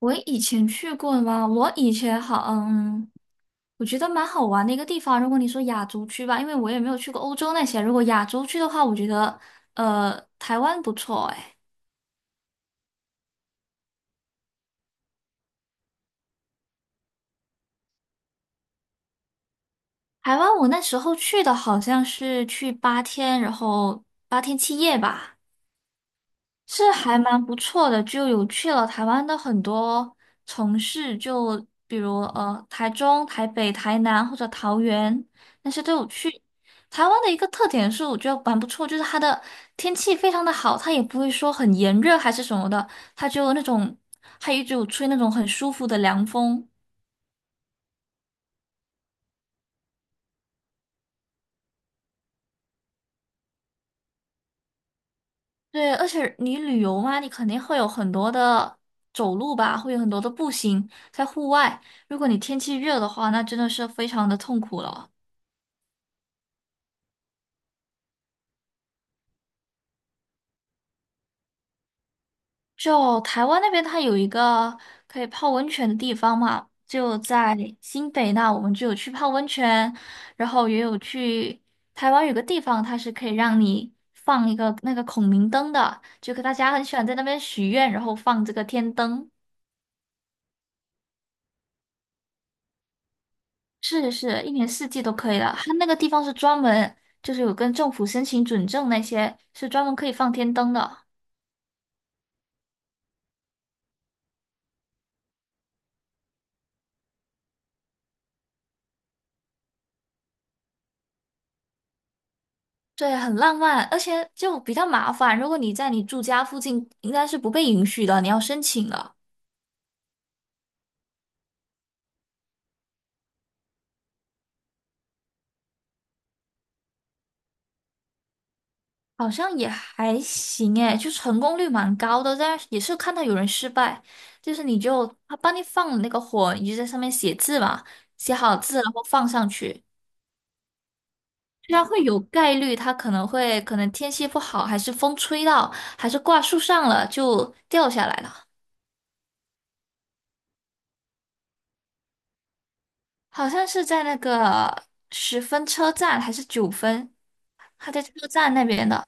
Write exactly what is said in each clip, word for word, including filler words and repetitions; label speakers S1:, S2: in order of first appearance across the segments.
S1: 我以前去过吗？我以前好，嗯，我觉得蛮好玩的一个地方。如果你说亚洲区吧，因为我也没有去过欧洲那些。如果亚洲区的话，我觉得呃，台湾不错哎。台湾我那时候去的好像是去八天，然后八天七夜吧。是还蛮不错的，就有去了台湾的很多城市，就比如呃台中、台北、台南或者桃园，那些都有去。台湾的一个特点是，我觉得蛮不错，就是它的天气非常的好，它也不会说很炎热还是什么的，它就那种，它一直有吹那种很舒服的凉风。对，而且你旅游嘛，你肯定会有很多的走路吧，会有很多的步行在户外。如果你天气热的话，那真的是非常的痛苦了。就台湾那边，它有一个可以泡温泉的地方嘛，就在新北那，我们就有去泡温泉，然后也有去台湾有个地方，它是可以让你放一个那个孔明灯的，就可大家很喜欢在那边许愿，然后放这个天灯，是是，一年四季都可以的。它那个地方是专门就是有跟政府申请准证那些，是专门可以放天灯的。对，很浪漫，而且就比较麻烦。如果你在你住家附近，应该是不被允许的，你要申请了。好像也还行诶，就成功率蛮高的，但是也是看到有人失败，就是你就他帮你放了那个火，你就在上面写字嘛，写好字然后放上去。虽然会有概率，它可能会可能天气不好，还是风吹到，还是挂树上了就掉下来了。好像是在那个十分车站还是九分，他在车站那边的。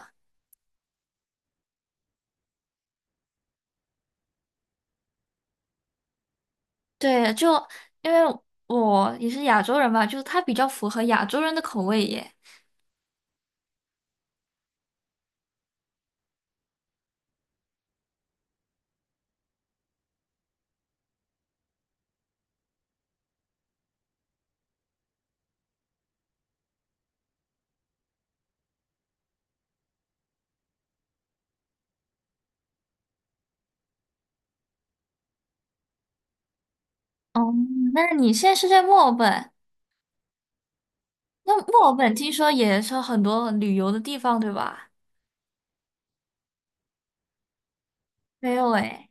S1: 对，就因为我也是亚洲人嘛，就是他比较符合亚洲人的口味耶。哦，那你现在是在墨尔本？那墨尔本听说也是很多旅游的地方，对吧？没有诶，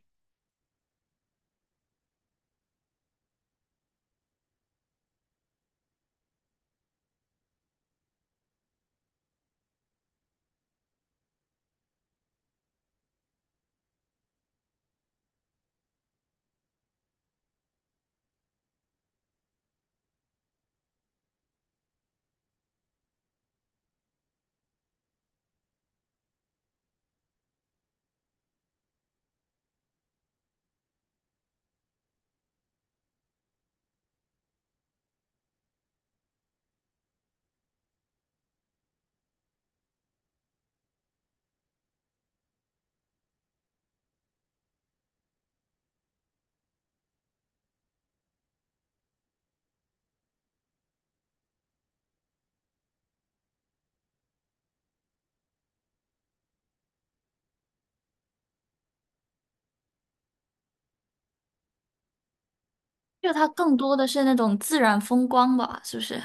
S1: 就它更多的是那种自然风光吧，是不是？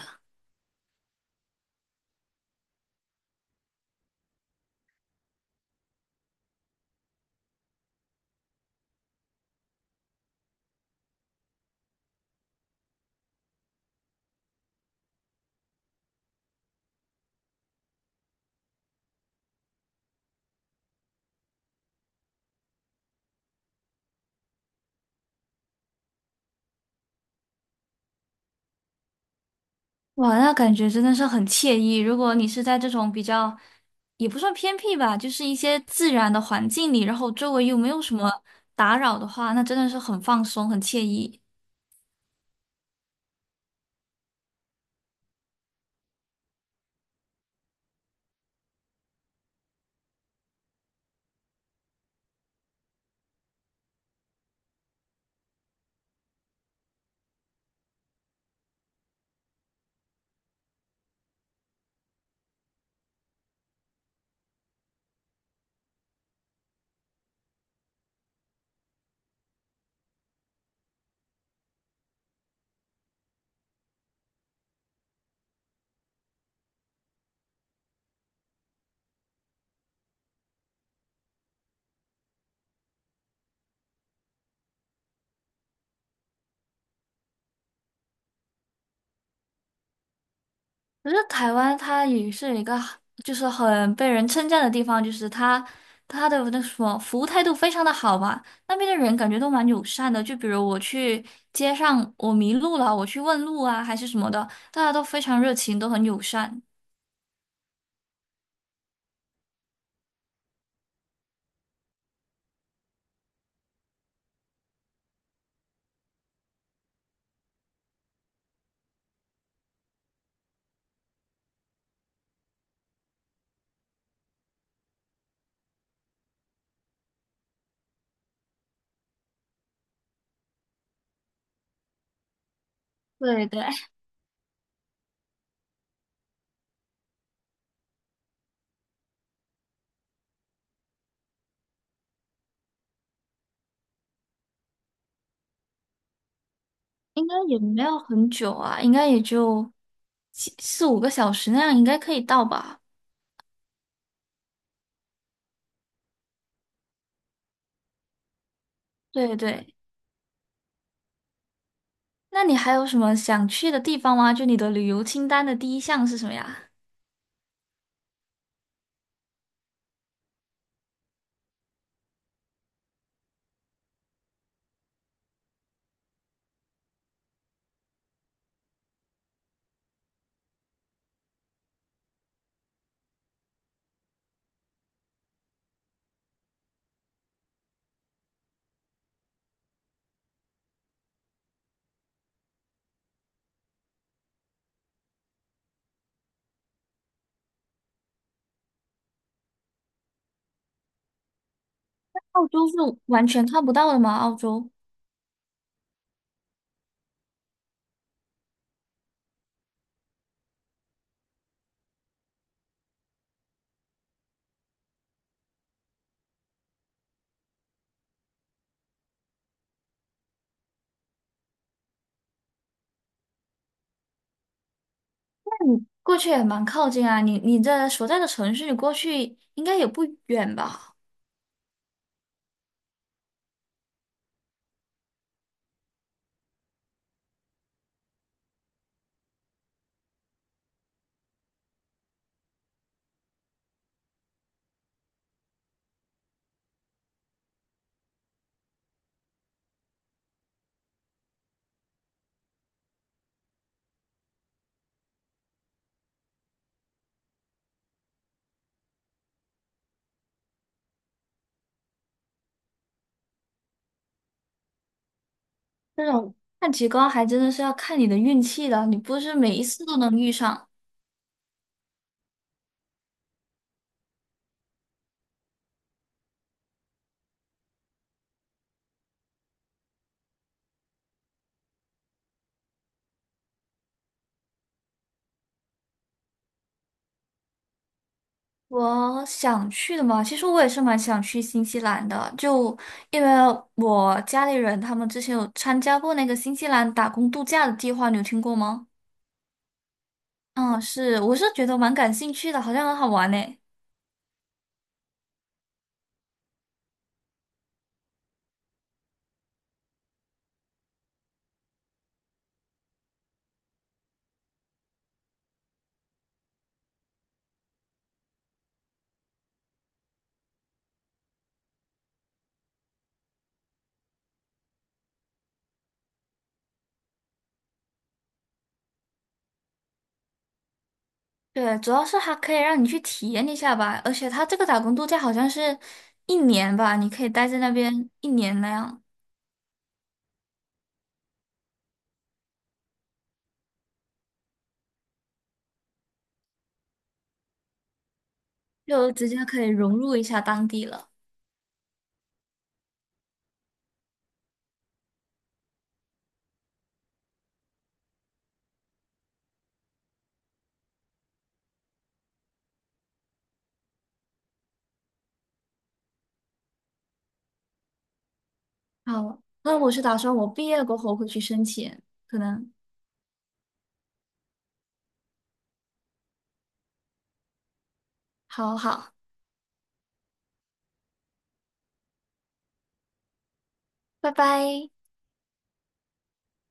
S1: 哇，那感觉真的是很惬意。如果你是在这种比较，也不算偏僻吧，就是一些自然的环境里，然后周围又没有什么打扰的话，那真的是很放松，很惬意。可是台湾它也是一个，就是很被人称赞的地方，就是它它的那什么服务态度非常的好吧，那边的人感觉都蛮友善的。就比如我去街上我迷路了，我去问路啊，还是什么的，大家都非常热情，都很友善。对对，应该也没有很久啊，应该也就四四五个小时那样，应该可以到吧？对对，那你还有什么想去的地方吗？就你的旅游清单的第一项是什么呀？澳洲是完全看不到的吗？澳洲过去也蛮靠近啊，你你这所在的城市，你过去应该也不远吧？这种看极光还真的是要看你的运气的，你不是每一次都能遇上。我想去的嘛，其实我也是蛮想去新西兰的，就因为我家里人他们之前有参加过那个新西兰打工度假的计划，你有听过吗？嗯，是，我是觉得蛮感兴趣的，好像很好玩呢。对，主要是它可以让你去体验一下吧，而且它这个打工度假好像是一年吧，你可以待在那边一年那样，就直接可以融入一下当地了。好，那我是打算我毕业过后会去申请，可能。好好，拜拜。